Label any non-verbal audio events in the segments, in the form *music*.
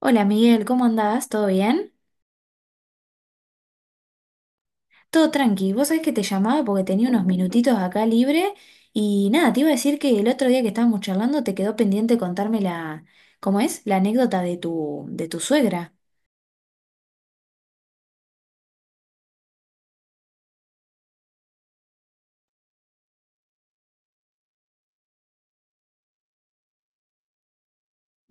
Hola, Miguel, ¿cómo andás? ¿Todo bien? Todo tranqui. Vos sabés que te llamaba porque tenía unos minutitos acá libre y nada, te iba a decir que el otro día que estábamos charlando te quedó pendiente contarme ¿cómo es? La anécdota de tu suegra.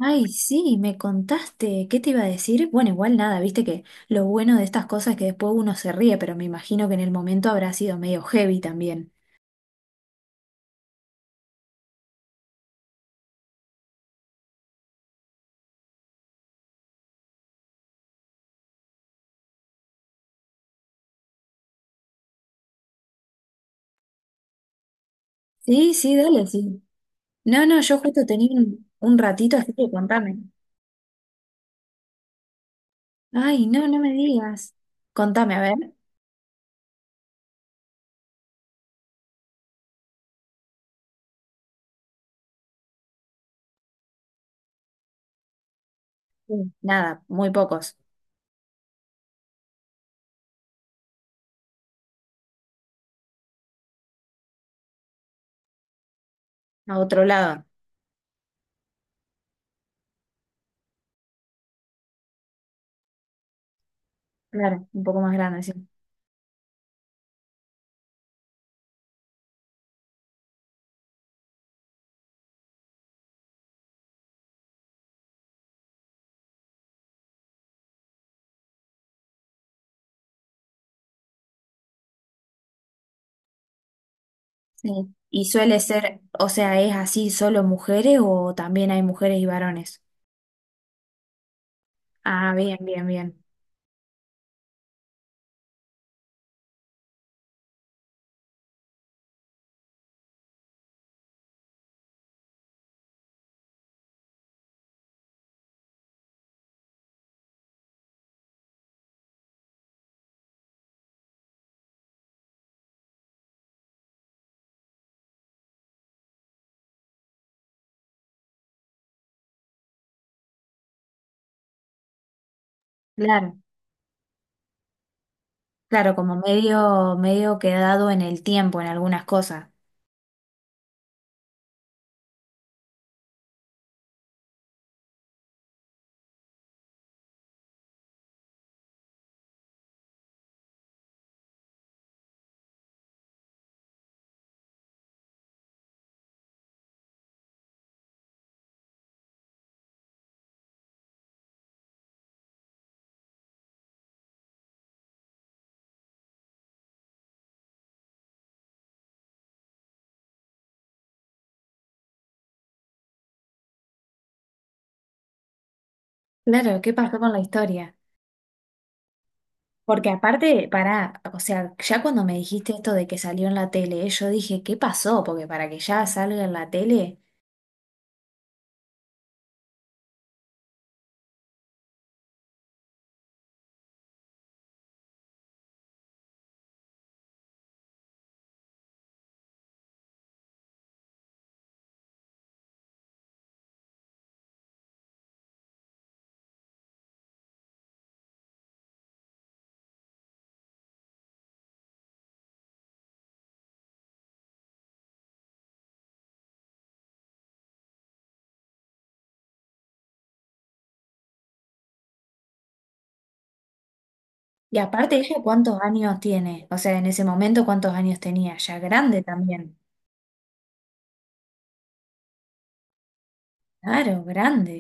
Ay, sí, me contaste. ¿Qué te iba a decir? Bueno, igual nada, viste que lo bueno de estas cosas es que después uno se ríe, pero me imagino que en el momento habrá sido medio heavy también. Sí, sí, dale, sí. No, no, yo justo tenía un ratito, así que contame. Ay, no, no me digas. Contame, a ver. Sí. Nada, muy pocos. A otro lado, claro, un poco más grande, sí. Sí. Y suele ser, o sea, ¿es así solo mujeres o también hay mujeres y varones? Ah, bien, bien, bien. Claro, claro, como medio, medio quedado en el tiempo en algunas cosas. Claro, ¿qué pasó con la historia? Porque aparte, pará, o sea, ya cuando me dijiste esto de que salió en la tele, yo dije, ¿qué pasó? Porque para que ya salga en la tele. Y aparte ella, ¿cuántos años tiene? O sea, en ese momento, ¿cuántos años tenía? Ya grande también. Claro, grande.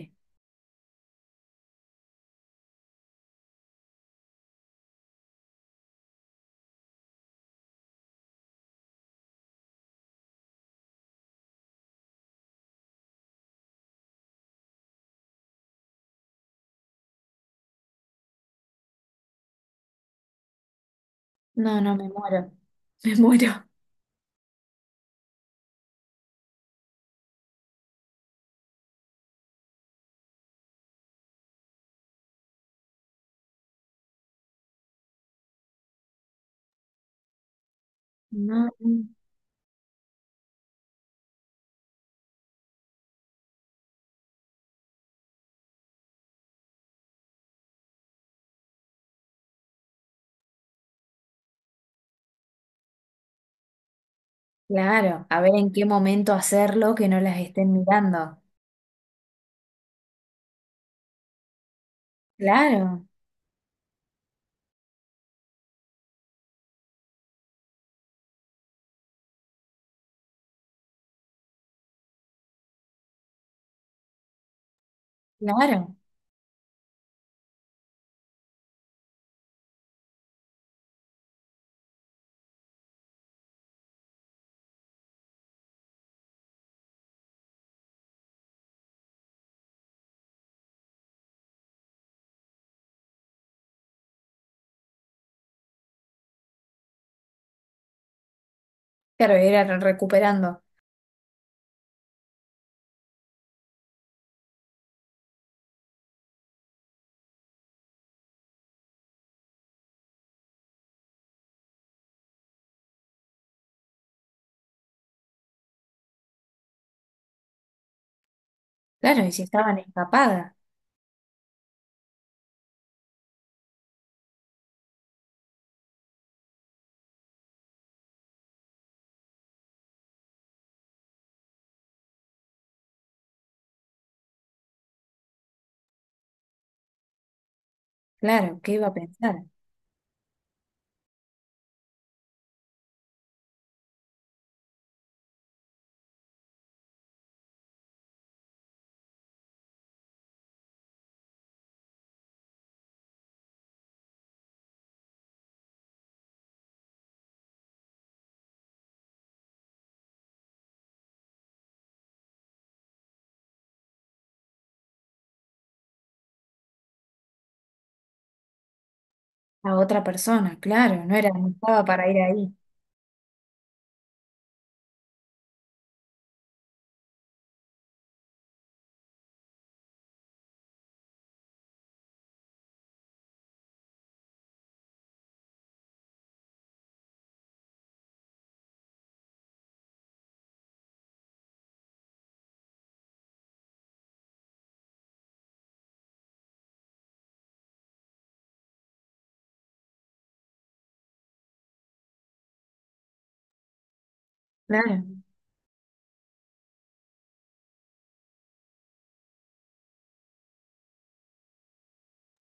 No, no, me muero. *laughs* Me muero. No, no. Claro, a ver en qué momento hacerlo que no las estén mirando. Claro, claro. Claro, era recuperando. Claro, y si estaban escapadas. Claro, ¿qué iba a pensar? A otra persona, claro, no era, no estaba para ir ahí. Claro.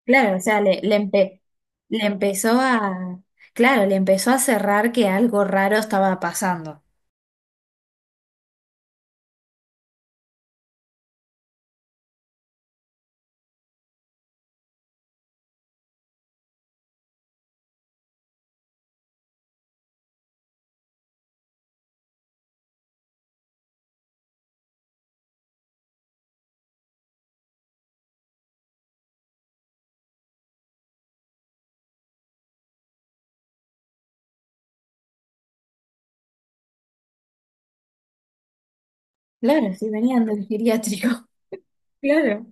Claro, o sea, le empezó claro, le empezó a cerrar que algo raro estaba pasando. Claro, sí, venían del geriátrico. *laughs* Claro,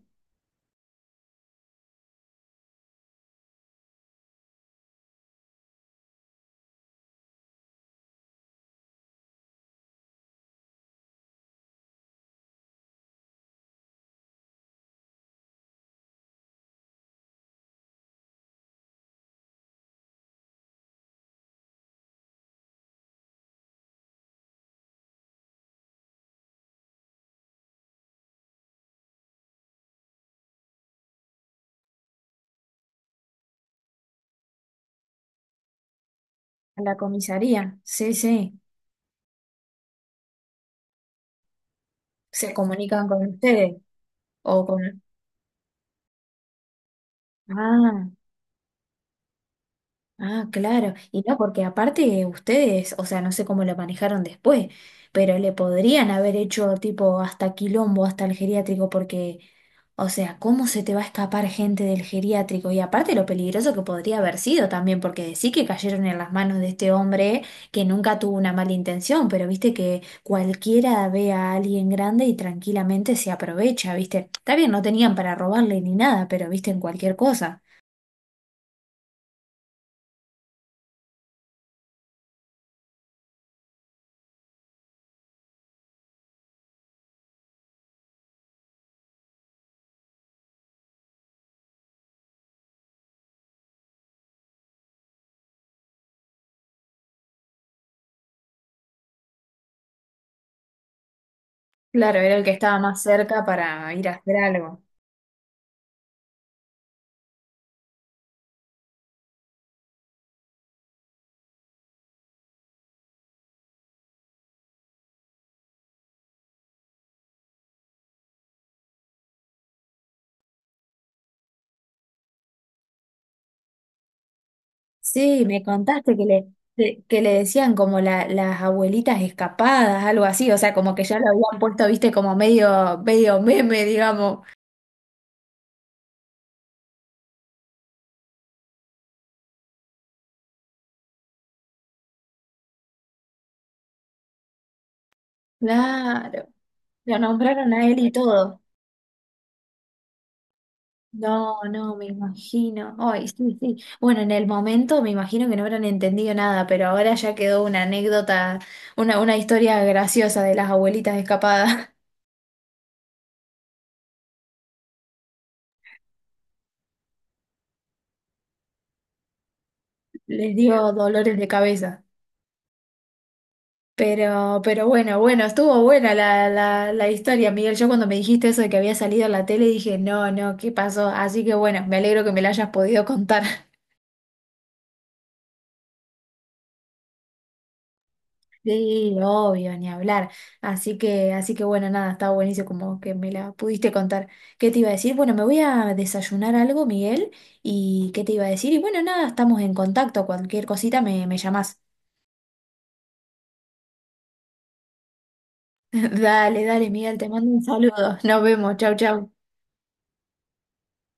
a la comisaría, sí, sí, se comunican con ustedes o con... Ah. Ah, claro. Y no, porque aparte ustedes, o sea, no sé cómo lo manejaron después, pero le podrían haber hecho tipo hasta quilombo, hasta el geriátrico, porque, o sea, ¿cómo se te va a escapar gente del geriátrico? Y aparte lo peligroso que podría haber sido también, porque decir que cayeron en las manos de este hombre que nunca tuvo una mala intención, pero viste que cualquiera ve a alguien grande y tranquilamente se aprovecha, viste. Está bien, no tenían para robarle ni nada, pero viste en cualquier cosa. Claro, era el que estaba más cerca para ir a hacer algo. Sí, me contaste que que le decían como las abuelitas escapadas, algo así, o sea, como que ya lo habían puesto, viste, como medio, medio meme, digamos. Claro, lo nombraron a él y todo. No, no, me imagino. Ay, sí, sí. Bueno, en el momento me imagino que no habrán entendido nada, pero ahora ya quedó una anécdota, una historia graciosa de las abuelitas escapadas. *laughs* Les dio dolores de cabeza. Pero bueno, bueno, estuvo buena la historia, Miguel. Yo cuando me dijiste eso de que había salido en la tele dije, no, no, ¿qué pasó? Así que bueno, me alegro que me la hayas podido contar. *laughs* Sí, obvio, ni hablar. Así que bueno, nada, estaba buenísimo como que me la pudiste contar. ¿Qué te iba a decir? Bueno, me voy a desayunar algo, Miguel. ¿Y qué te iba a decir? Y bueno, nada, estamos en contacto. Cualquier cosita me llamás. *laughs* Dale, dale, Miguel, te mando un saludo. Nos vemos. Chau, chau.